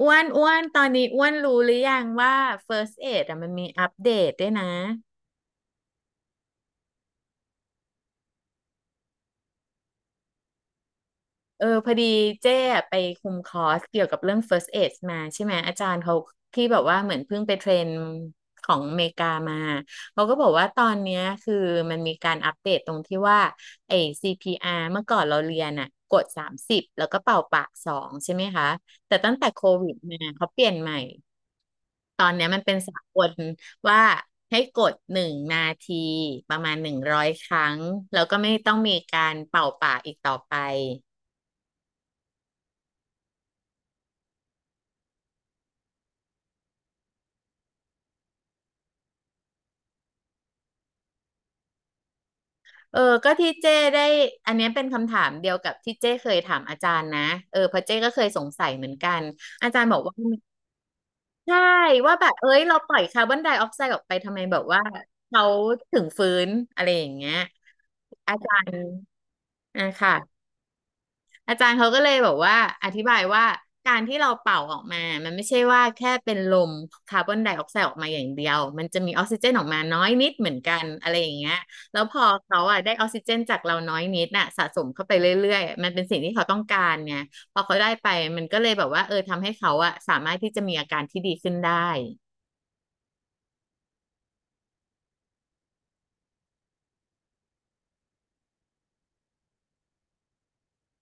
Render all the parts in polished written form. อ้วนอ้วนตอนนี้อ้วนรู้หรือยังว่า First Aid อะมันมีอัปเดตด้วยนะเออพอดีเจ้อะไปคุมคอร์สเกี่ยวกับเรื่อง First Aid มาใช่ไหมอาจารย์เขาที่แบบว่าเหมือนเพิ่งไปเทรนของอเมริกามาเขาก็บอกว่าตอนเนี้ยคือมันมีการอัปเดตตรงที่ว่าไอ้ CPR เมื่อก่อนเราเรียนอะกดสามสิบแล้วก็เป่าปากสองใช่ไหมคะแต่ตั้งแต่โควิดมาเขาเปลี่ยนใหม่ ตอนเนี้ยมันเป็นสากลว่าให้กดหนึ่งนาทีประมาณหนึ่งร้อยครั้งแล้วก็ไม่ต้องมีการเป่าปากอีกต่อไปเออก็ที่เจ้ได้อันเนี้ยเป็นคำถามเดียวกับที่เจ้เคยถามอาจารย์นะเออเพราะเจ้ก็เคยสงสัยเหมือนกันอาจารย์บอกว่าใช่ว่าแบบเอ้ยเราปล่อยคาร์บอนไดออกไซด์ออกไปทำไมแบบว่าเขาถึงฟื้นอะไรอย่างเงี้ยอาจารย์อ่ะค่ะ อาจารย์เขาก็เลยบอกว่าอธิบายว่าการที่เราเป่าออกมามันไม่ใช่ว่าแค่เป็นลมคาร์บอนไดออกไซด์ออกมาอย่างเดียว มันจะมีออกซิเจนออกมาน้อยนิดเหมือนกันอะไรอย่างเงี้ยแล้วพอเขาอ่ะได้ออกซิเจนจากเราน้อยนิดน่ะสะสมเข้าไปเรื่อยๆมันเป็นสิ่งที่เขาต้องการเนี่ยพอเขาได้ไปมันก็เลยแบบว่าเออทำให้เขาอ่ะสามารถที่จะมีอาการที่ดีขึ้นได้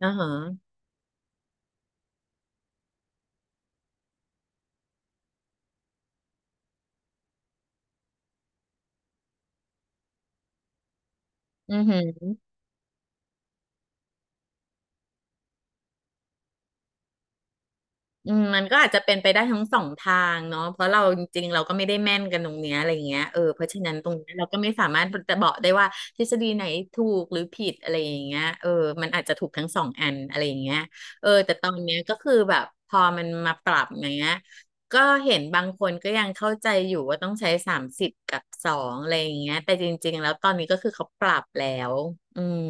อือฮะออือหือ อืมมันก็อาจจะเป็นไปได้ทั้งสองทางเนาะเพราะเราจริงๆเราก็ไม่ได้แม่นกันตรงเนี้ยอะไรเงี้ยเออเพราะฉะนั้นตรงเนี้ยเราก็ไม่สามารถจะบอกได้ว่าทฤษฎีไหนถูกหรือผิดอะไรอย่างเงี้ยเออมันอาจจะถูกทั้งสองอันอะไรอย่างเงี้ยเออแต่ตอนเนี้ยก็คือแบบพอมันมาปรับอย่างเงี้ยก็เห็นบางคนก็ยังเข้าใจอยู่ว่าต้องใช้สามสิบกับสองอะไรอย่างเงี้ยแต่จริงๆแล้วตอนนี้ก็คือเขาปรับแล้วอืม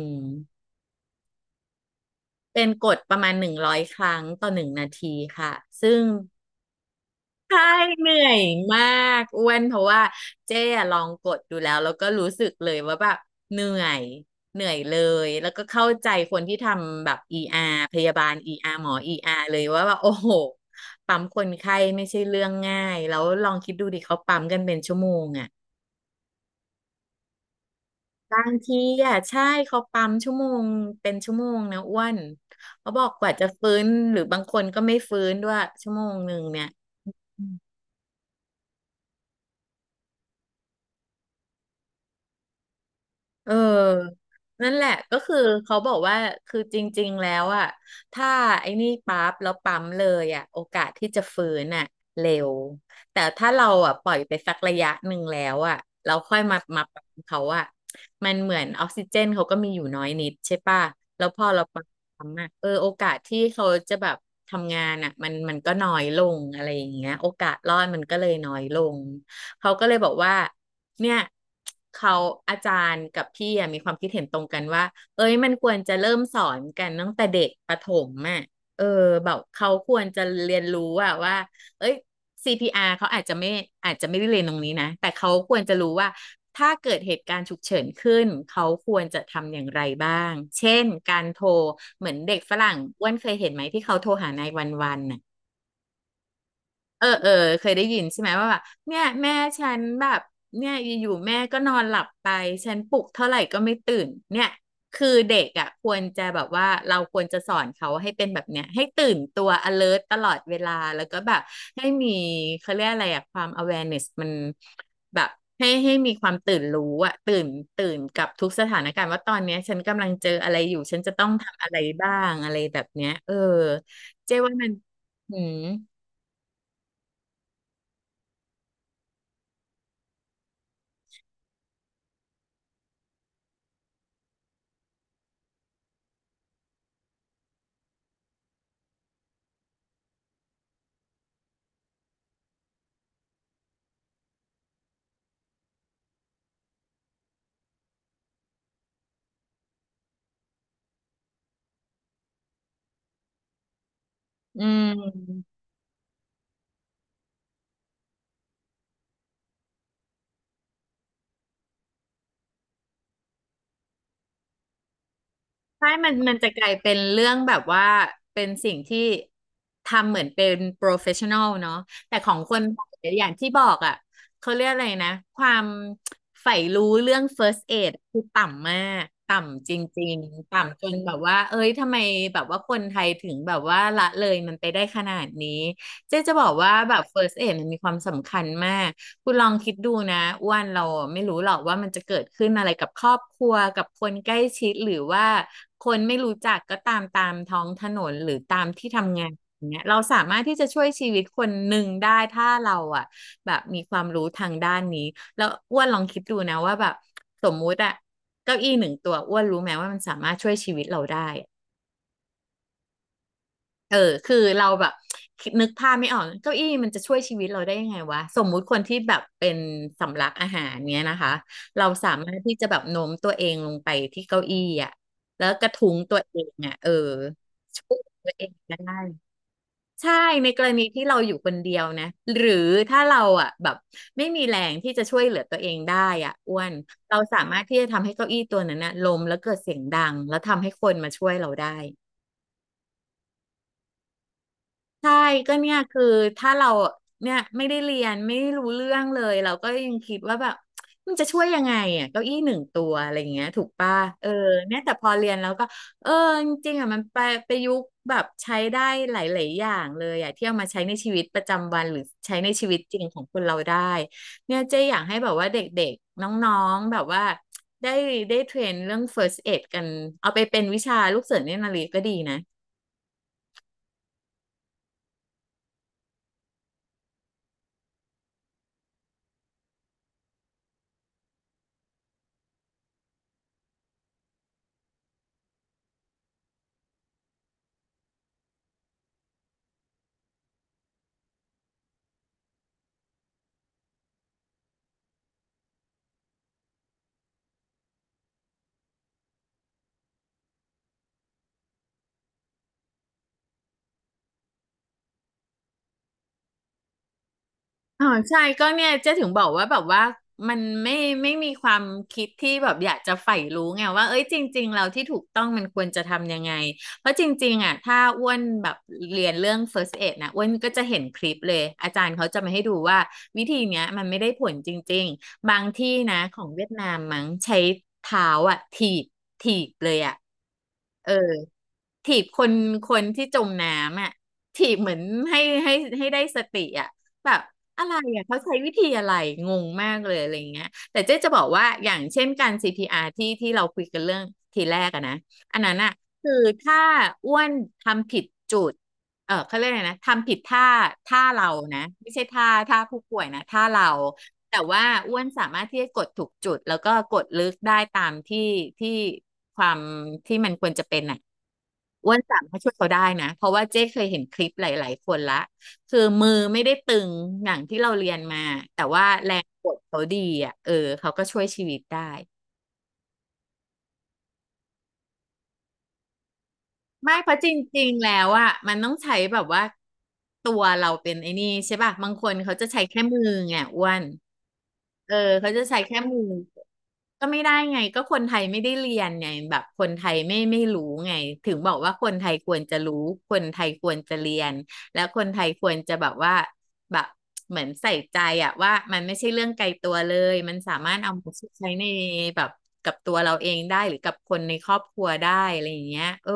เป็นกฎประมาณ100 ครั้งต่อ 1 นาทีค่ะซึ่ง ใช่เหนื่อยมากอ้วนเพราะว่าเจ๊อะลองกดดูแล้วแล้วก็รู้สึกเลยว่าแบบเหนื่อยเหนื่อยเลยแล้วก็เข้าใจคนที่ทำแบบ ER พยาบาล ER หมอ ER เลยว่าแบบโอ้โหปั๊มคนไข้ไม่ใช่เรื่องง่ายแล้วลองคิดดูดิเขาปั๊มกันเป็นชั่วโมงอ่ะบางทีอ่ะใช่เขาปั๊มชั่วโมงเป็นชั่วโมงนะอ้วนเขาบอกกว่าจะฟื้นหรือบางคนก็ไม่ฟื้นด้วยชั่วโมงหนึ่งเนี่ย เออ นั่นแหละก็คือเขาบอกว่าคือจริงๆแล้วอ่ะถ้าไอ้นี่ปั๊บแล้วปั๊มเลยอ่ะโอกาสที่จะฟื้นอ่ะเร็วแต่ถ้าเราอ่ะปล่อยไปสักระยะหนึ่งแล้วอ่ะ เราค่อยมาปั๊มเขาอ่ะมันเหมือนออกซิเจนเขาก็มีอยู่น้อยนิดใช่ป่ะแล้วพอเราปั๊มอ่ะเออโอกาสที่เขาจะแบบทำงานอ่ะมันก็น้อยลงอะไรอย่างเงี้ยโอกาสรอดมันก็เลยน้อยลง เขาก็เลยบอกว่าเนี่ยเขาอาจารย์กับพี่มีความคิดเห็นตรงกันว่าเอ้ยมันควรจะเริ่มสอนกันตั้งแต่เด็กประถมอ่ะเออแบบเขาควรจะเรียนรู้อะว่าเอ้ย CPR เขาอาจจะไม่ได้เรียนตรงนี้นะแต่เขาควรจะรู้ว่าถ้าเกิดเหตุการณ์ฉุกเฉินขึ้นเขาควรจะทำอย่างไรบ้างเช่นการโทรเหมือนเด็กฝรั่งอ้วนเคยเห็นไหมที่เขาโทรหานายวันวันน่ะ เออเออเคยได้ยินใช่ไหมว่าแบบเนี่ยแม่ฉันแบบเนี่ยอยู่ๆแม่ก็นอนหลับไปฉันปลุกเท่าไหร่ก็ไม่ตื่นเนี่ยคือเด็กอ่ะควรจะแบบว่าเราควรจะสอนเขาให้เป็นแบบเนี้ยให้ตื่นตัว alert ตลอดเวลาแล้วก็แบบให้มีเขาเรียกอะไรอ่ะความ awareness มันแบบให้มีความตื่นรู้อ่ะตื่นกับทุกสถานการณ์ว่าตอนเนี้ยฉันกำลังเจออะไรอยู่ฉันจะต้องทำอะไรบ้างอะไรแบบเนี้ยเออเจ๊ว่ามันอืมอืม ใช่มันจะกลายเป็นเรื่องแบบว่า เป็นสิ่งที่ทำเหมือนเป็น professional เนาะแต่ของคนไทยอย่างที่บอกอ่ะเขาเรียกอะไรนะ ความใฝ่รู้เรื่อง first aid คือต่ำมาก ต่ำจริงๆ ต่ำจนแบบว่า เอ้ยทำไมแบบว่าคนไทยถึงแบบว่าละเลยมันไปได้ขนาดนี้เจ๊จะบอกว่าแบบ first aid มันมีความสำคัญมาก คุณลองคิดดูนะอ้วนเราไม่รู้หรอกว่ามันจะเกิดขึ้นอะไรกับครอบครัวกับคนใกล้ชิดหรือว่าคนไม่รู้จักก็ตามท้องถนนหรือตามที่ทำงานอย่างเงี้ยเราสามารถที่จะช่วยชีวิตคนหนึ่งได้ถ้าเราอ่ะแบบมีความรู้ทางด้านนี้แล้วอ้วนลองคิดดูนะว่าแบบสมมุติอะเก้าอี้หนึ่งตัวอ้วนรู้ไหมว่ามันสามารถช่วยชีวิตเราได้ เออคือเราแบบนึกภาพไม่ออกเก้าอี้มันจะช่วยชีวิตเราได้ยังไงวะสมมุติคนที่แบบเป็นสำลักอาหารเนี้ยนะคะเราสามารถที่จะแบบโน้มตัวเองลงไปที่เก้าอี้อ่ะแล้วกระทุ้งตัวเองอ่ะเออช่วยตัวเองได้ใช่ ในกรณีที่เราอยู่คนเดียวนะ หรือถ้าเราอ่ะแบบไม่มีแรงที่จะช่วยเหลือตัวเองได้อ่ะอ้วนเราสามารถที่จะทำให้เก้าอี้ตัวนั้นนะล้มแล้วเกิดเสียงดังแล้วทำให้คนมาช่วยเราได้ ใช่ก็เนี่ยคือถ้าเราเนี่ยไม่ได้เรียนไม่รู้เรื่องเลยเราก็ยังคิดว่าแบบมันจะช่วยยังไงอ่ะเก้าอี้หนึ่งตัวอะไรอย่างเงี้ยถูกป่ะเออเนี่ยแต่พอเรียนแล้วก็เออจริงๆอ่ะมันไปประยุกต์แบบใช้ได้หลายๆอย่างเลยอ่ะที่เอามาใช้ในชีวิตประจำวันหรือใช้ในชีวิตจริงของคนเราได้เนี่ยเจ๊อยากให้แบบว่าเด็กๆน้องๆแบบว่าได้ได้เทรนเรื่อง first aid กันเอาไปเป็นวิชาลูกเสือเนตรนารีก็ดีนะ อ๋อใช่ก็เนี่ยเจ๊ถึงบอกว่าแบบว่ามันไม่มีความคิดที่แบบอยากจะใฝ่รู้ไงว่าเอ้ยจริงๆเราที่ถูกต้องมันควรจะทำยังไงเพราะจริงๆอ่ะถ้าอ้วนแบบเรียนเรื่อง first aid นะอ้วนก็จะเห็นคลิปเลยอาจารย์เขาจะมาให้ดูว่าวิธีเนี้ยมันไม่ได้ผลจริงๆบางที่นะของเวียดนามมั้งใช้เท้าอ่ะถีบเลยอ่ะเออถีบคนคนที่จมน้ำอ่ะถีบเหมือนให้ให้ให้ได้สติอ่ะแบบ อะไรอ่ะเขาใช้วิธีอะไรงงมากเลยอะไรอย่างเงี้ยแต่เจ๊จะบอกว่าอย่างเช่นการ CPR ที่เราคุยกันเรื่องทีแรกอะนะอันนั้นอะคือถ้าอ้วนทำผิดจุดเออเขาเรียกอะไรนะทำผิดท่าท่าเรานะไม่ใช่ท่าท่าผู้ป่วยนะท่าเราแต่ว่าอ้วนสามารถที่จะกดถูกจุดแล้วก็กดลึกได้ตามที่ที่ความที่มันควรจะเป็นอ่ะอ้วนสามารถช่วยเขาได้นะเพราะว่าเจ๊เคยเห็นคลิปหลายๆคนละ คือมือไม่ได้ตึงอย่างที่เราเรียนมาแต่ว่าแรงกดเขาดีอ่ะเออเขาก็ช่วยชีวิตได้ไม่เพราะจริงๆแล้วอ่ะมันต้องใช้แบบว่าตัวเราเป็นไอ้นี่ใช่ป่ะบางคนเขาจะใช้แค่มือไงอ้วน เออเขาจะใช้แค่มือก็ไม่ได้ไงก็คนไทยไม่ได้เรียนไงแบบคนไทยไม่รู้ไงถึงบอกว่าคนไทยควรจะรู้คนไทยควรจะเรียนแล้วคนไทยควรจะแบบว่าแบบเหมือนใส่ใจอะว่ามันไม่ใช่เรื่องไกลตัวเลยมันสามารถเอามาใช้ในแบบกับตัวเราเองได้หรือกับคนในครอบครัวได้อะไรอย่างเงี้ยเออ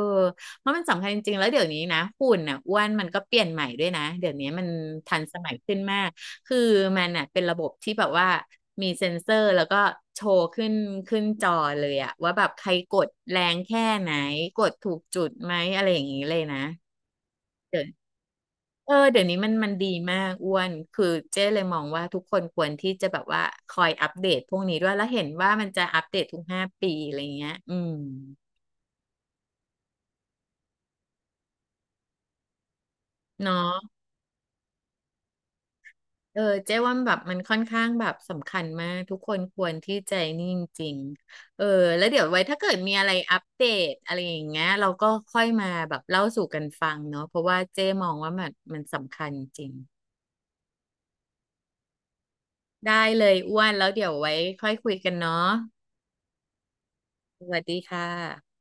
เพราะมันสำคัญจริงๆแล้วเดี๋ยวนี้นะหุ่นอ่ะอ้วนมันก็เปลี่ยนใหม่ด้วยนะเดี๋ยวนี้มันทันสมัยขึ้นมาก คือมันอ่ะเป็นระบบที่แบบว่ามีเซ็นเซอร์แล้วก็โชว์ขึ้นจอเลยอะว่าแบบใครกดแรงแค่ไหนกดถูกจุดไหมอะไรอย่างนี้เลยนะเดี๋ยวเออเดี๋ยวนี้มันดีมากอ้วนคือเจ๊เลยมองว่าทุกคนควรที่จะแบบว่าคอยอัปเดตพวกนี้ด้วยแล้วเห็นว่ามันจะอัปเดตทุก5 ปีอะไรเงี้ยอืมเนาะ เออเจ๊ว่าแบบมันค่อนข้างแบบสำคัญมากทุกคนควรที่ใจนิ่งจริงๆเออแล้วเดี๋ยวไว้ถ้าเกิดมีอะไรอัปเดตอะไรอย่างเงี้ยเราก็ค่อยมาแบบเล่าสู่กันฟังเนาะเพราะว่าเจ๊มองว่ามันสำคัญจริงได้เลยอ้วนแล้วเดี๋ยวไว้ค่อยคุยกันเนาะสวัสดีค่ะ